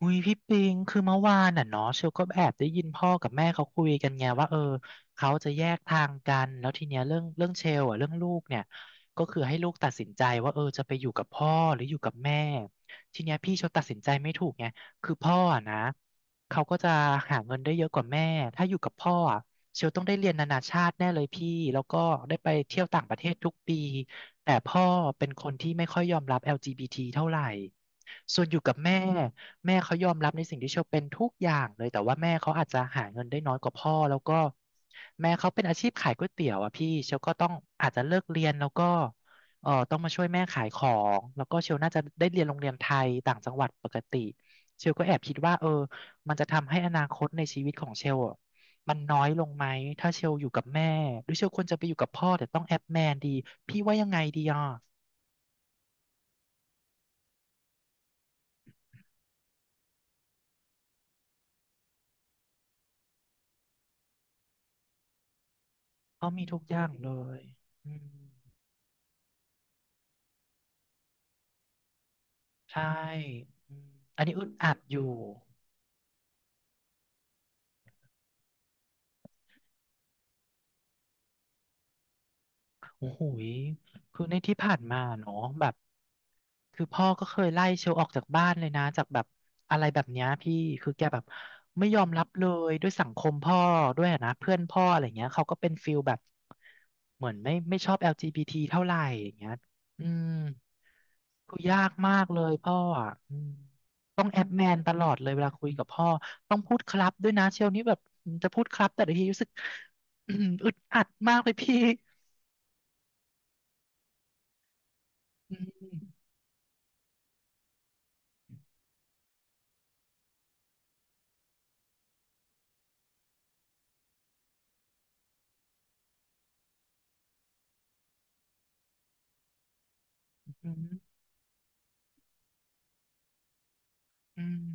อุ้ยพี่ปิงคือเมื่อวานน่ะเนาะเชลก็แอบได้ยินพ่อกับแม่เขาคุยกันไงว่าเขาจะแยกทางกันแล้วทีเนี้ยเรื่องเชลอ่ะเรื่องลูกเนี่ยก็คือให้ลูกตัดสินใจว่าเออจะไปอยู่กับพ่อหรืออยู่กับแม่ทีเนี้ยพี่เชลตัดสินใจไม่ถูกไงคือพ่ออะนะเขาก็จะหาเงินได้เยอะกว่าแม่ถ้าอยู่กับพ่ออะเชลต้องได้เรียนนานาชาติแน่เลยพี่แล้วก็ได้ไปเที่ยวต่างประเทศทุกปีแต่พ่อเป็นคนที่ไม่ค่อยยอมรับ LGBT เท่าไหร่ส่วนอยู่กับแม่ แม่เขายอมรับในสิ่งที่เชลเป็นทุกอย่างเลยแต่ว่าแม่เขาอาจจะหาเงินได้น้อยกว่าพ่อแล้วก็แม่เขาเป็นอาชีพขายก๋วยเตี๋ยวอ่ะพี่เชลก็ต้องอาจจะเลิกเรียนแล้วก็เออต้องมาช่วยแม่ขายของแล้วก็เชลน่าจะได้เรียนโรงเรียนไทยต่างจังหวัดปกติเชลก็แอบคิดว่าเออมันจะทำให้อนาคตในชีวิตของเชลอะมันน้อยลงไหมถ้าเชลอยู่กับแม่หรือเชลควรจะไปอยู่กับพ่อแต่ต้องแอบแมนดีพี่ว่ายังไงดีอ่ะเขามีทุกอย่างเลยอืม ใช่อืมอันนี้อึดอัดอยู่ โอ้โหยคือในที่ผ่านมาเนาะแบบคือพ่อก็เคยไล่เชลออกจากบ้านเลยนะ จากแบบอะไรแบบเนี้ยพี่คือแกแบบไม่ยอมรับเลยด้วยสังคมพ่อด้วยอะนะเพื่อนพ่ออะไรเงี้ยเขาก็เป็นฟิลแบบเหมือนไม่ชอบ LGBT เท่าไหร่อย่างเงี้ยอืมคือยากมากเลยพ่ออ่ะอืมต้องแอปแมนตลอดเลยเวลาคุยกับพ่อ ต้องพูดครับด้วยนะเชลนี่แบบจะพูดครับแต่ละทีรู้สึก อึดอัดมากเลยพี่อืม อืมอืม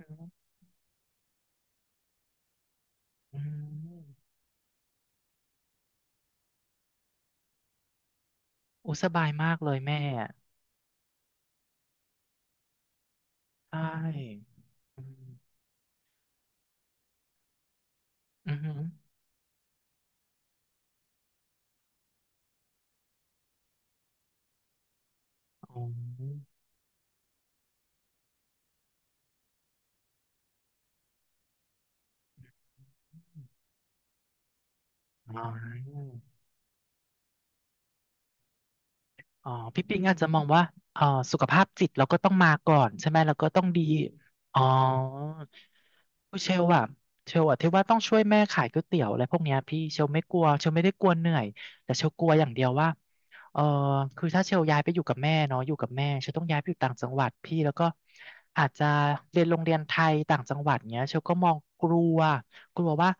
อืมอืมโอ้สบายมากเลยแม่ใช่อืมอืมอหืออ๋ออ๋อ อ๋อพี่ปิงอาจจะมองว่าเอ๋อสุขภาพจิตเราก็ต้องมาก่อนใช่ไหมเราก็ต้องดีอ๋อเชลอะเชลอะที่ว่าต้องช่วยแม่ขายก๋วยเตี๋ยวอะไรพวกเนี้ยพี่เชลไม่กลัวเชลไม่ได้กลัวเหนื่อยแต่เชลกลัวอย่างเดียวว่าเออคือถ้าเชลย้ายไปอยู่กับแม่เนาะอยู่กับแม่เชลต้องย้ายไปอยู่ต่างจังหวัดพี่แล้วก็อาจจะเรียนโรงเรียนไทยต่างจังหวัดเงี้ยเชลก็มองกลัว กลัวว่า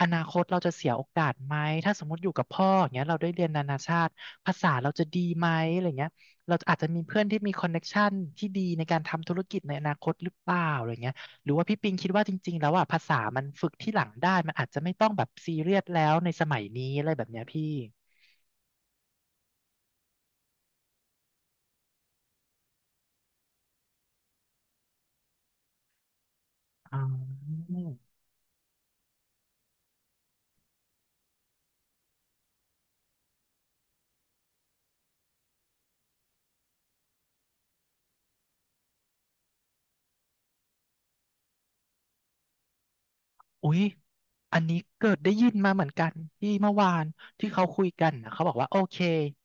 อนาคตเราจะเสียโอกาสไหมถ้าสมมติอยู่กับพ่ออย่างเงี้ยเราได้เรียนนานาชาติภาษาเราจะดีไหมอะไรเงี้ยเราอาจจะมีเพื่อนที่มีคอนเน็กชันที่ดีในการทำธุรกิจในอนาคตหรือเปล่าอะไรเงี้ยหรือว่าพี่ปิงคิดว่าจริงๆแล้วอ่ะภาษามันฝึกที่หลังได้มันอาจจะไม่ต้องแบบซีเรียสแล้วในสมัยนี้อะไรแบบเนี้ยพี่อ๋อ อุ๊ยอันนี้เกิดได้ยินมาเหมือนกันที่เมื่อวานที่เขาคุยกันนะเขาบอกว่าโอเค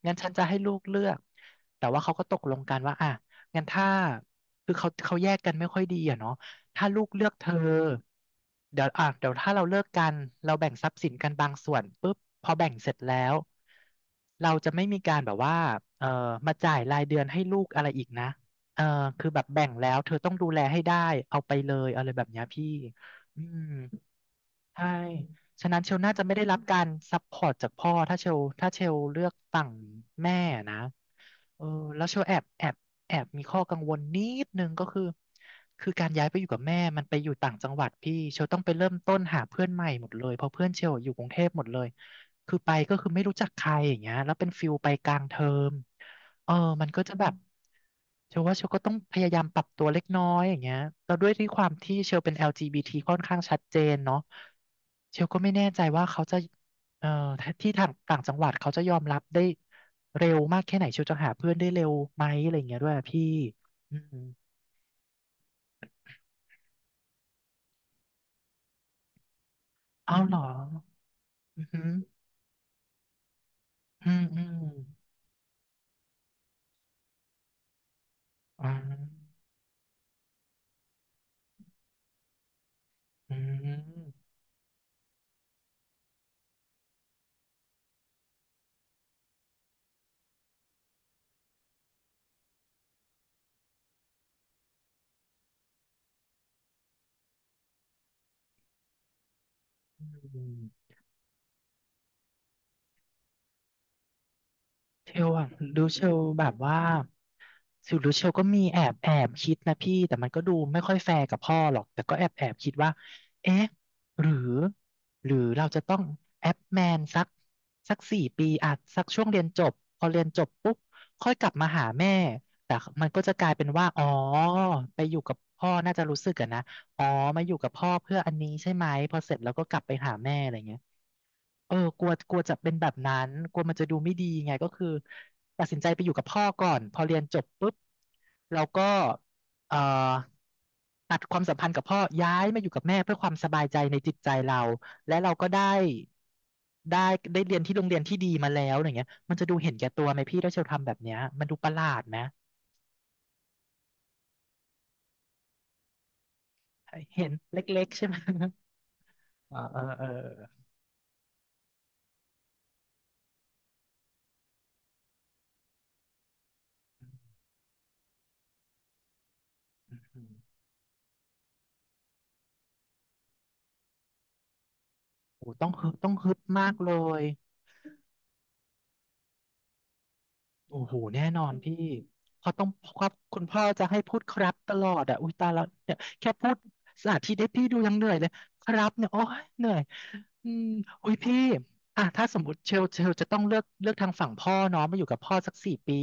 งั้นฉันจะให้ลูกเลือกแต่ว่าเขาก็ตกลงกันว่าอ่ะงั้นถ้าคือเขาแยกกันไม่ค่อยดีอะเนาะถ้าลูกเลือกเธอเดี๋ยวถ้าเราเลิกกันเราแบ่งทรัพย์สินกันบางส่วนปุ๊บพอแบ่งเสร็จแล้วเราจะไม่มีการแบบว่าเออมาจ่ายรายเดือนให้ลูกอะไรอีกนะเออคือแบบแบ่งแล้วเธอต้องดูแลให้ได้เอาไปเลยอะไรแบบเนี้ยพี่อืม ใช่ฉะนั้นเชลน่าจะไม่ได้รับการซัพพอร์ตจากพ่อถ้าเชลเลือกฝั่งแม่นะเออแล้วเชลแอบมีข้อกังวลนิดนึงก็คือคือการย้ายไปอยู่กับแม่มันไปอยู่ต่างจังหวัดพี่เชลต้องไปเริ่มต้นหาเพื่อนใหม่หมดเลยเพราะเพื่อนเชลอยู่กรุงเทพหมดเลยคือไม่รู้จักใครอย่างเงี้ยแล้วเป็นฟิลไปกลางเทอม เออมันก็จะแบบเชลว่าเชลก็ต้องพยายามปรับตัวเล็กน้อยอย่างเงี้ยแล้วด้วยที่ความที่เชลเป็น LGBT ค่อนข้างชัดเจนเนาะเชลก็ไม่แน่ใจว่าเขาจะเอ่อที่ทางต่างจังหวัดเขาจะยอมรับได้เร็วมากแค่ไหนเชลจะหาเพื่อนได้เร็วไหมอะไรอย่างเงี้ยด้วยอะพี่อืมเอาเหรออืมอหืออืมอืมอ่าอืมอืม เชลอะดูเชลแบบว่าสิวดูเชลก็มีแอบแอบคิดนะพี่แต่มันก็ดูไม่ค่อยแฟร์กับพ่อหรอกแต่ก็แอบแอบคิดว่าเอ๊ะหรือหรือเราจะต้องแอปแมนสักสี่ปีอ่ะสักช่วงเรียนจบพอเรียนจบปุ๊บค่อยกลับมาหาแม่แต่มันก็จะกลายเป็นว่าอ๋อไปอยู่กับพ่อน่าจะรู้สึกอะนะอ๋อมาอยู่กับพ่อเพื่ออันนี้ใช่ไหมพอเสร็จแล้วก็กลับไปหาแม่อะไรเงี้ย เออกลัวกลัวจะเป็นแบบนั้นกลัวมันจะดูไม่ดีไงก็คือตัดสินใจไปอยู่กับพ่อก่อนพอเรียนจบปุ๊บเราก็เอ่อตัดความสัมพันธ์กับพ่อย้ายมาอยู่กับแม่เพื่อความสบายใจในจิตใจเราและเราก็ได้ได้ได้เรียนที่โรงเรียนที่ดีมาแล้วอย่างเงี้ยมันจะดูเห็นแก่ตัวไหมพี่ถ้าเชลทำแบบเนี้ยมันดูประหลาดไหมเห็นเล็กๆใช่ไหม เออเออเออโอ้ต้องฮึดต้องฮึดมากเลย โอ้โหแน่นอนพี่เขาต้องครับคุณพ่อจะให้พูดครับตลอดอ่ะอุ้ยตายแล้วเนี่ยแค่พูดสานที่ได้พี่ดูยังเหนื่อยเลยครับเนี่ยโอ้ยเหนื่อยอืมอุ้ยพี่อ่ะถ้าสมมติเชลจะต้องเลือกทางฝั่งพ่อเน้องมาอยู่กับพ่อสักสี่ปี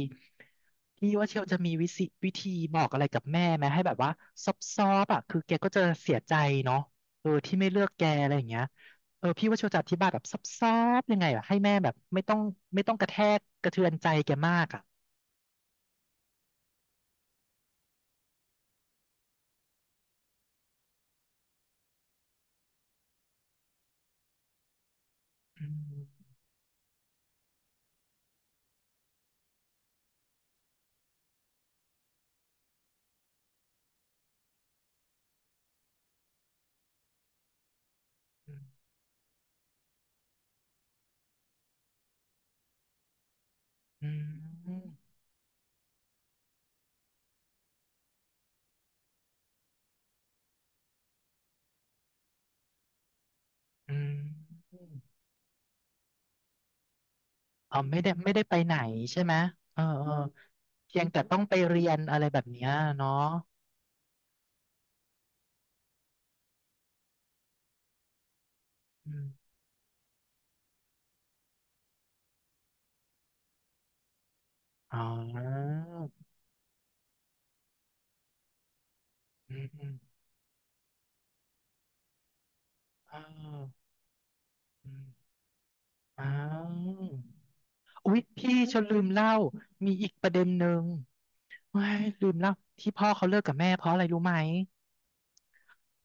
พี่ว่าเชลจะมีวิธีบอกอะไรกับแม่ไหมให้แบบว่าซอบซอบอ่ะคือแกก็จะเสียใจเนาะเออที่ไม่เลือกแกอะไรอย่างเงี้ยเออพี่ว่าเชลจะอธิบายแบบซับซ้อบๆยังไงอะให้แม่แบบไม่ต้องกระแทกกระเทือนใจแกมากอะ อืมอืมอืมอ๋อ ไม่ได้ ไม่ได้ไปไหนใช่ไหมเออเออเพียงแต่ต้องไปเรียนอะไรแบบเนี้ยเนาะอืมอ๋ออืมอืมเอออืมอออุ๊ย พี่ฉันลืมเล่า มีอีกประเด็นหนึ่งเฮ้ยลืมเล่า ที่พ่อเขาเลิกกับแม่เพราะอะไรรู้ไหม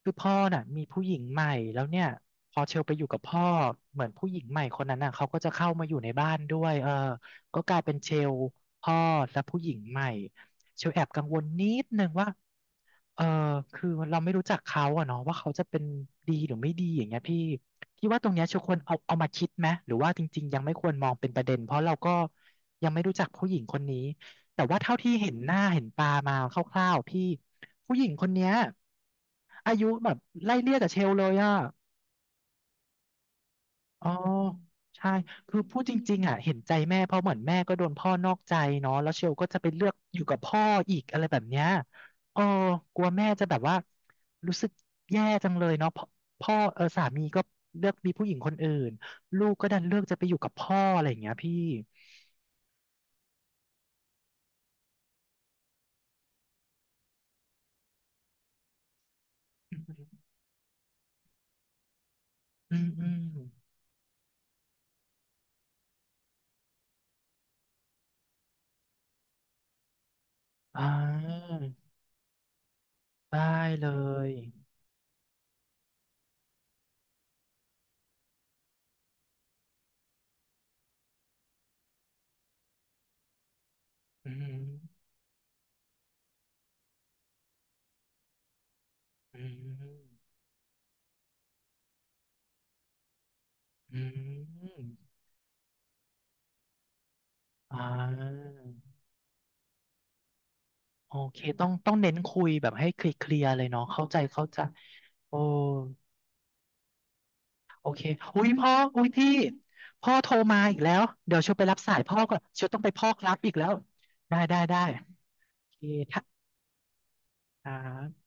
คือพ่อน่ะมีผู้หญิงใหม่แล้วเนี่ยพอเชลไปอยู่กับพ่อเหมือนผู้หญิงใหม่คนนั้นน่ะเขาก็จะเข้ามาอยู่ในบ้านด้วยเออก็กลายเป็นเชลพ่อและผู้หญิงใหม่เชลแอบกังวลนิดนึงว่าเออคือเราไม่รู้จักเขาอะเนาะว่าเขาจะเป็นดีหรือไม่ดีอย่างเงี้ยพี่พี่ว่าตรงเนี้ยเชลควรเอามาคิดไหมหรือว่าจริงๆยังไม่ควรมองเป็นประเด็นเพราะเราก็ยังไม่รู้จักผู้หญิงคนนี้ แต่ว่าเท่าที่เห็นหน้าเห็นตามาคร่าวๆพี่ผู้หญิงคนเนี้ยอายุแบบไล่เลี่ยกับเชลเลยอ่ะอ๋อใช่คือพูดจริงๆอ่ะเห็นใจแม่เพราะเหมือนแม่ก็โดนพ่อนอกใจเนาะแล้วเชลก็จะไปเลือกอยู่กับพ่ออีกอะไรแบบเนี้ยเออกลัวแม่จะแบบว่ารู้สึกแย่จังเลยเนาะพ่อพ่อเออสามีก็เลือกมีผู้หญิงคนอื่นลูกก็ดันเลือกจะไปอยู่กับพ่ออะไรอย่างเงี้ยพี่อืมอืมอืมอ่าได้เลย อืมอืมอืมอ่าโอเคต้องเน้นคุยแบบให้เคลียร์ๆเลยเนาะเข้าใจเข้าใจโอ้โอเคอุ้ยพ่ออุ้ยพี่พ่อโทรมาอีกแล้ว เดี๋ยวเชยวไปรับสายพ่อก่อนเชยวต้องไปพ่อครับอีกแล้ว ได้ได้ได้ โอเคค่ะ